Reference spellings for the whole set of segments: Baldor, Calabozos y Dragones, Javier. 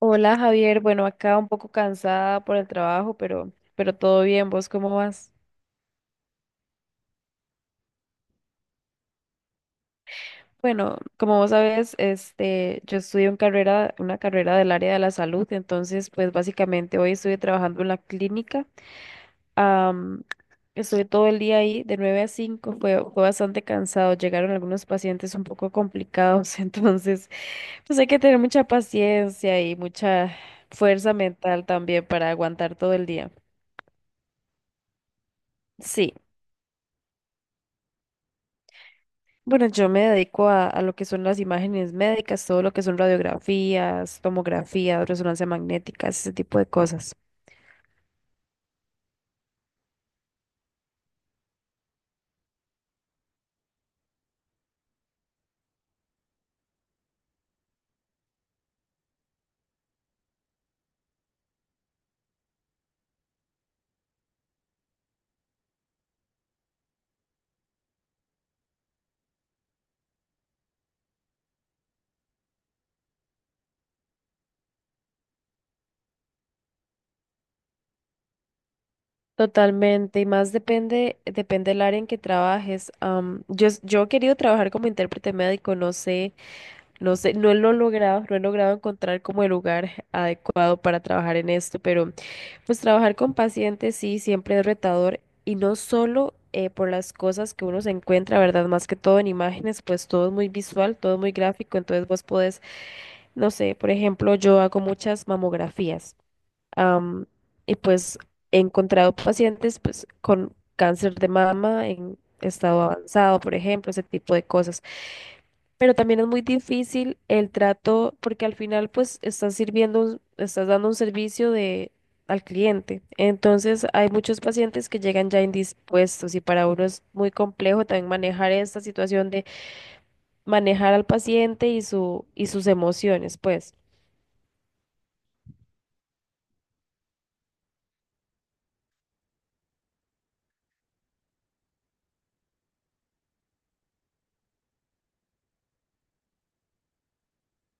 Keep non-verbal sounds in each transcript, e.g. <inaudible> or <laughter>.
Hola Javier, bueno, acá un poco cansada por el trabajo, pero todo bien, ¿vos cómo vas? Bueno, como vos sabes, yo estudio una carrera del área de la salud, entonces pues básicamente hoy estuve trabajando en la clínica. am, Estuve todo el día ahí de 9 a 5, fue bastante cansado, llegaron algunos pacientes un poco complicados, <laughs> entonces pues hay que tener mucha paciencia y mucha fuerza mental también para aguantar todo el día. Sí. Bueno, yo me dedico a lo que son las imágenes médicas, todo lo que son radiografías, tomografías, resonancia magnética, ese tipo de cosas. Totalmente, y más depende del área en que trabajes. Yo he querido trabajar como intérprete médico, no sé. No sé, no he logrado encontrar como el lugar adecuado para trabajar en esto, pero pues trabajar con pacientes sí, siempre es retador, y no solo por las cosas que uno se encuentra, ¿verdad? Más que todo en imágenes, pues todo es muy visual, todo es muy gráfico, entonces vos podés, no sé, por ejemplo, yo hago muchas mamografías, am, y pues he encontrado pacientes pues con cáncer de mama en estado avanzado, por ejemplo, ese tipo de cosas. Pero también es muy difícil el trato, porque al final pues estás sirviendo, estás dando un servicio de al cliente. Entonces hay muchos pacientes que llegan ya indispuestos y para uno es muy complejo también manejar esta situación de manejar al paciente y su y sus emociones, pues.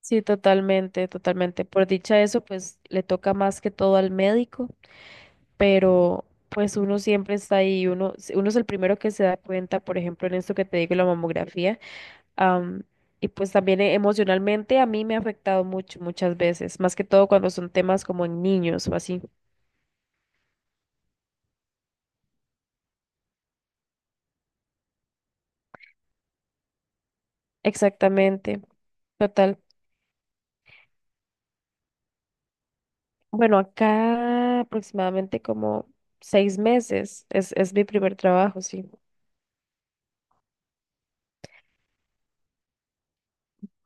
Sí, totalmente, totalmente. Por dicha eso, pues le toca más que todo al médico, pero pues uno siempre está ahí, uno es el primero que se da cuenta, por ejemplo, en esto que te digo, la mamografía Am, y pues también emocionalmente a mí me ha afectado mucho, muchas veces, más que todo cuando son temas como en niños o así. Exactamente, total. Bueno, acá aproximadamente como 6 meses es mi primer trabajo, sí.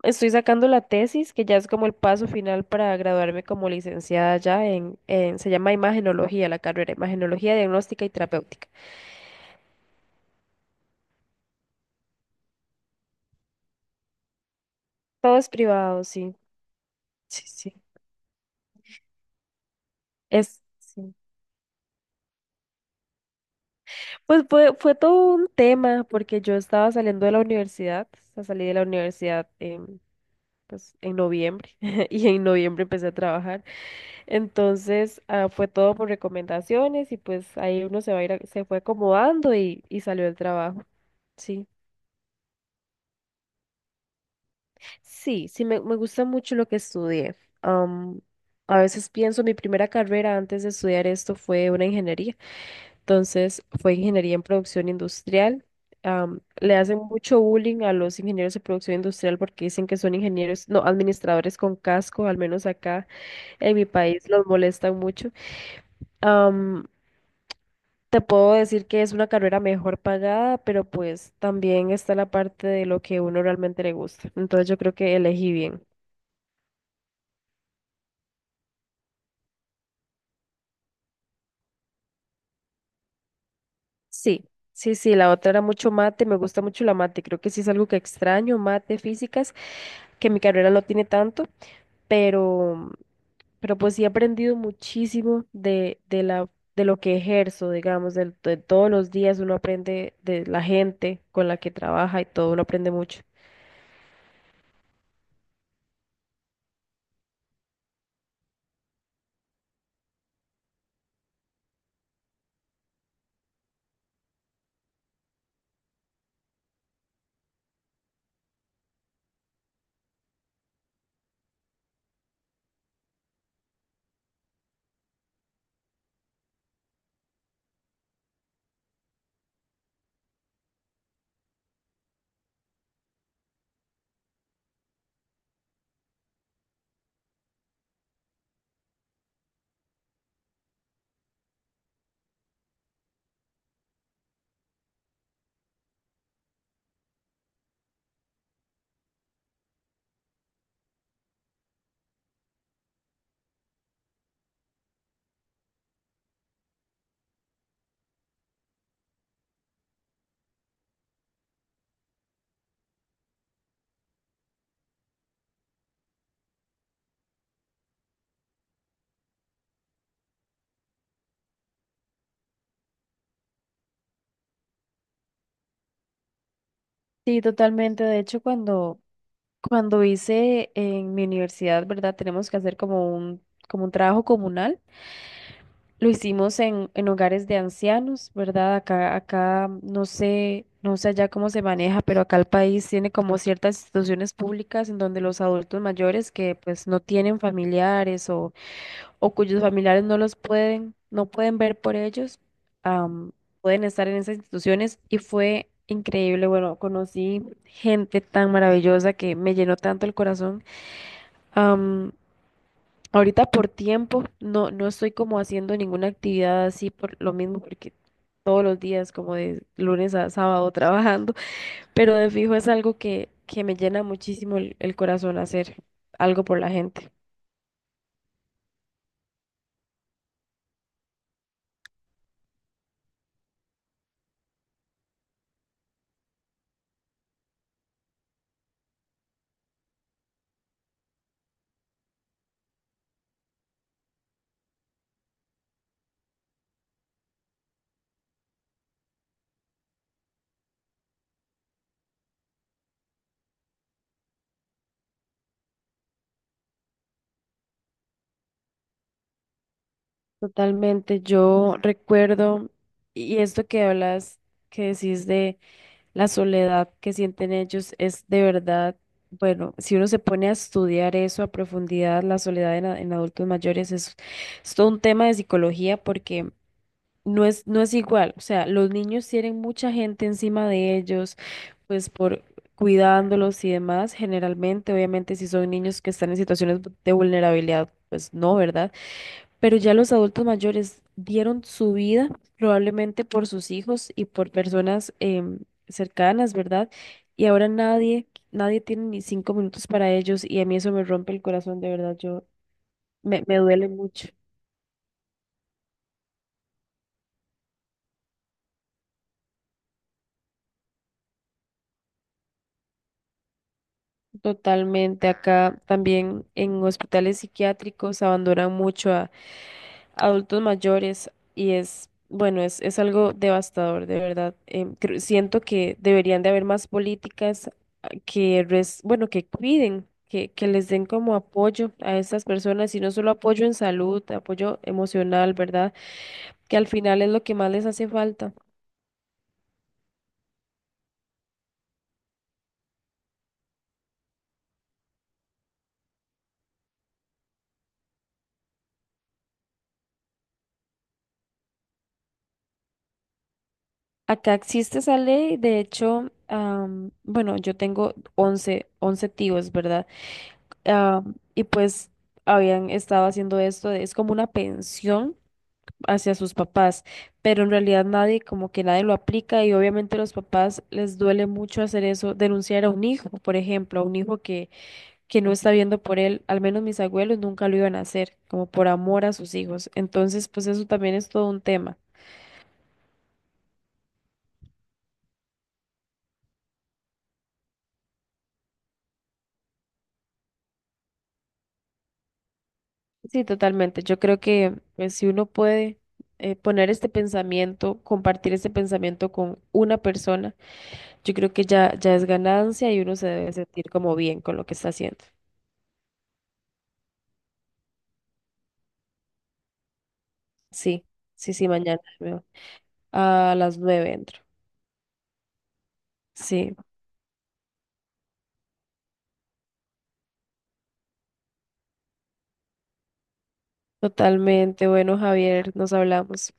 Estoy sacando la tesis, que ya es como el paso final para graduarme como licenciada ya en se llama imagenología la carrera, imagenología diagnóstica y terapéutica. Todo es privado, sí, sí, sí. Es, sí. Pues fue todo un tema porque yo estaba saliendo de la universidad, o sea, salí de la universidad pues en noviembre <laughs> y en noviembre empecé a trabajar. Entonces, ah, fue todo por recomendaciones y pues ahí uno se va a ir, se fue acomodando y salió el trabajo. Sí, sí, sí, me gusta mucho lo que estudié. Am, a veces pienso, mi primera carrera antes de estudiar esto fue una ingeniería. Entonces fue ingeniería en producción industrial. Le hacen mucho bullying a los ingenieros de producción industrial, porque dicen que son ingenieros, no, administradores con casco, al menos acá en mi país los molestan mucho. Am, te puedo decir que es una carrera mejor pagada, pero pues también está la parte de lo que uno realmente le gusta. Entonces yo creo que elegí bien. Sí, sí, sí, la otra era mucho mate, me gusta mucho la mate, creo que sí es algo que extraño, mate, físicas, que mi carrera no tiene tanto, pero, pero pues sí he aprendido muchísimo de, de lo que ejerzo, digamos, todos los días uno aprende de la gente con la que trabaja y todo, uno aprende mucho. Sí, totalmente. De hecho, cuando hice en mi universidad, ¿verdad? Tenemos que hacer como un trabajo comunal. Lo hicimos en hogares de ancianos, ¿verdad? Acá, no sé, no sé allá cómo se maneja, pero acá el país tiene como ciertas instituciones públicas en donde los adultos mayores que pues no tienen familiares, o cuyos familiares no pueden ver por ellos, am, pueden estar en esas instituciones, y fue increíble. Bueno, conocí gente tan maravillosa que me llenó tanto el corazón. Ahorita por tiempo no estoy como haciendo ninguna actividad así, por lo mismo, porque todos los días, como de lunes a sábado trabajando, <laughs> pero de fijo es algo que me llena muchísimo el corazón, hacer algo por la gente. Totalmente, yo recuerdo, y esto que hablas, que decís de la soledad que sienten ellos, es de verdad. Bueno, si uno se pone a estudiar eso a profundidad, la soledad en adultos mayores es todo un tema de psicología, porque no es igual. O sea, los niños tienen mucha gente encima de ellos, pues por cuidándolos y demás, generalmente, obviamente, si son niños que están en situaciones de vulnerabilidad, pues no, ¿verdad? Pero ya los adultos mayores dieron su vida probablemente por sus hijos y por personas cercanas, ¿verdad? Y ahora nadie, nadie tiene ni 5 minutos para ellos, y a mí eso me rompe el corazón, de verdad. Yo me duele mucho. Totalmente. Acá también en hospitales psiquiátricos abandonan mucho a adultos mayores y es, bueno, es algo devastador, de verdad. Siento que deberían de haber más políticas, bueno, que cuiden, que les den como apoyo a estas personas, y no solo apoyo en salud, apoyo emocional, ¿verdad? Que al final es lo que más les hace falta. Acá existe esa ley, de hecho. Bueno, yo tengo once tíos, ¿verdad? Ah, y pues habían estado haciendo esto, es como una pensión hacia sus papás, pero en realidad nadie, como que nadie lo aplica, y obviamente a los papás les duele mucho hacer eso, denunciar a un hijo, por ejemplo, a un hijo que no está viendo por él. Al menos mis abuelos nunca lo iban a hacer, como por amor a sus hijos. Entonces, pues eso también es todo un tema. Sí, totalmente. Yo creo que pues, si uno puede poner este pensamiento, compartir este pensamiento con una persona, yo creo que ya, ya es ganancia, y uno se debe sentir como bien con lo que está haciendo. Sí, sí, sí, mañana me voy. A las 9 entro. Sí, totalmente. Bueno, Javier, nos hablamos.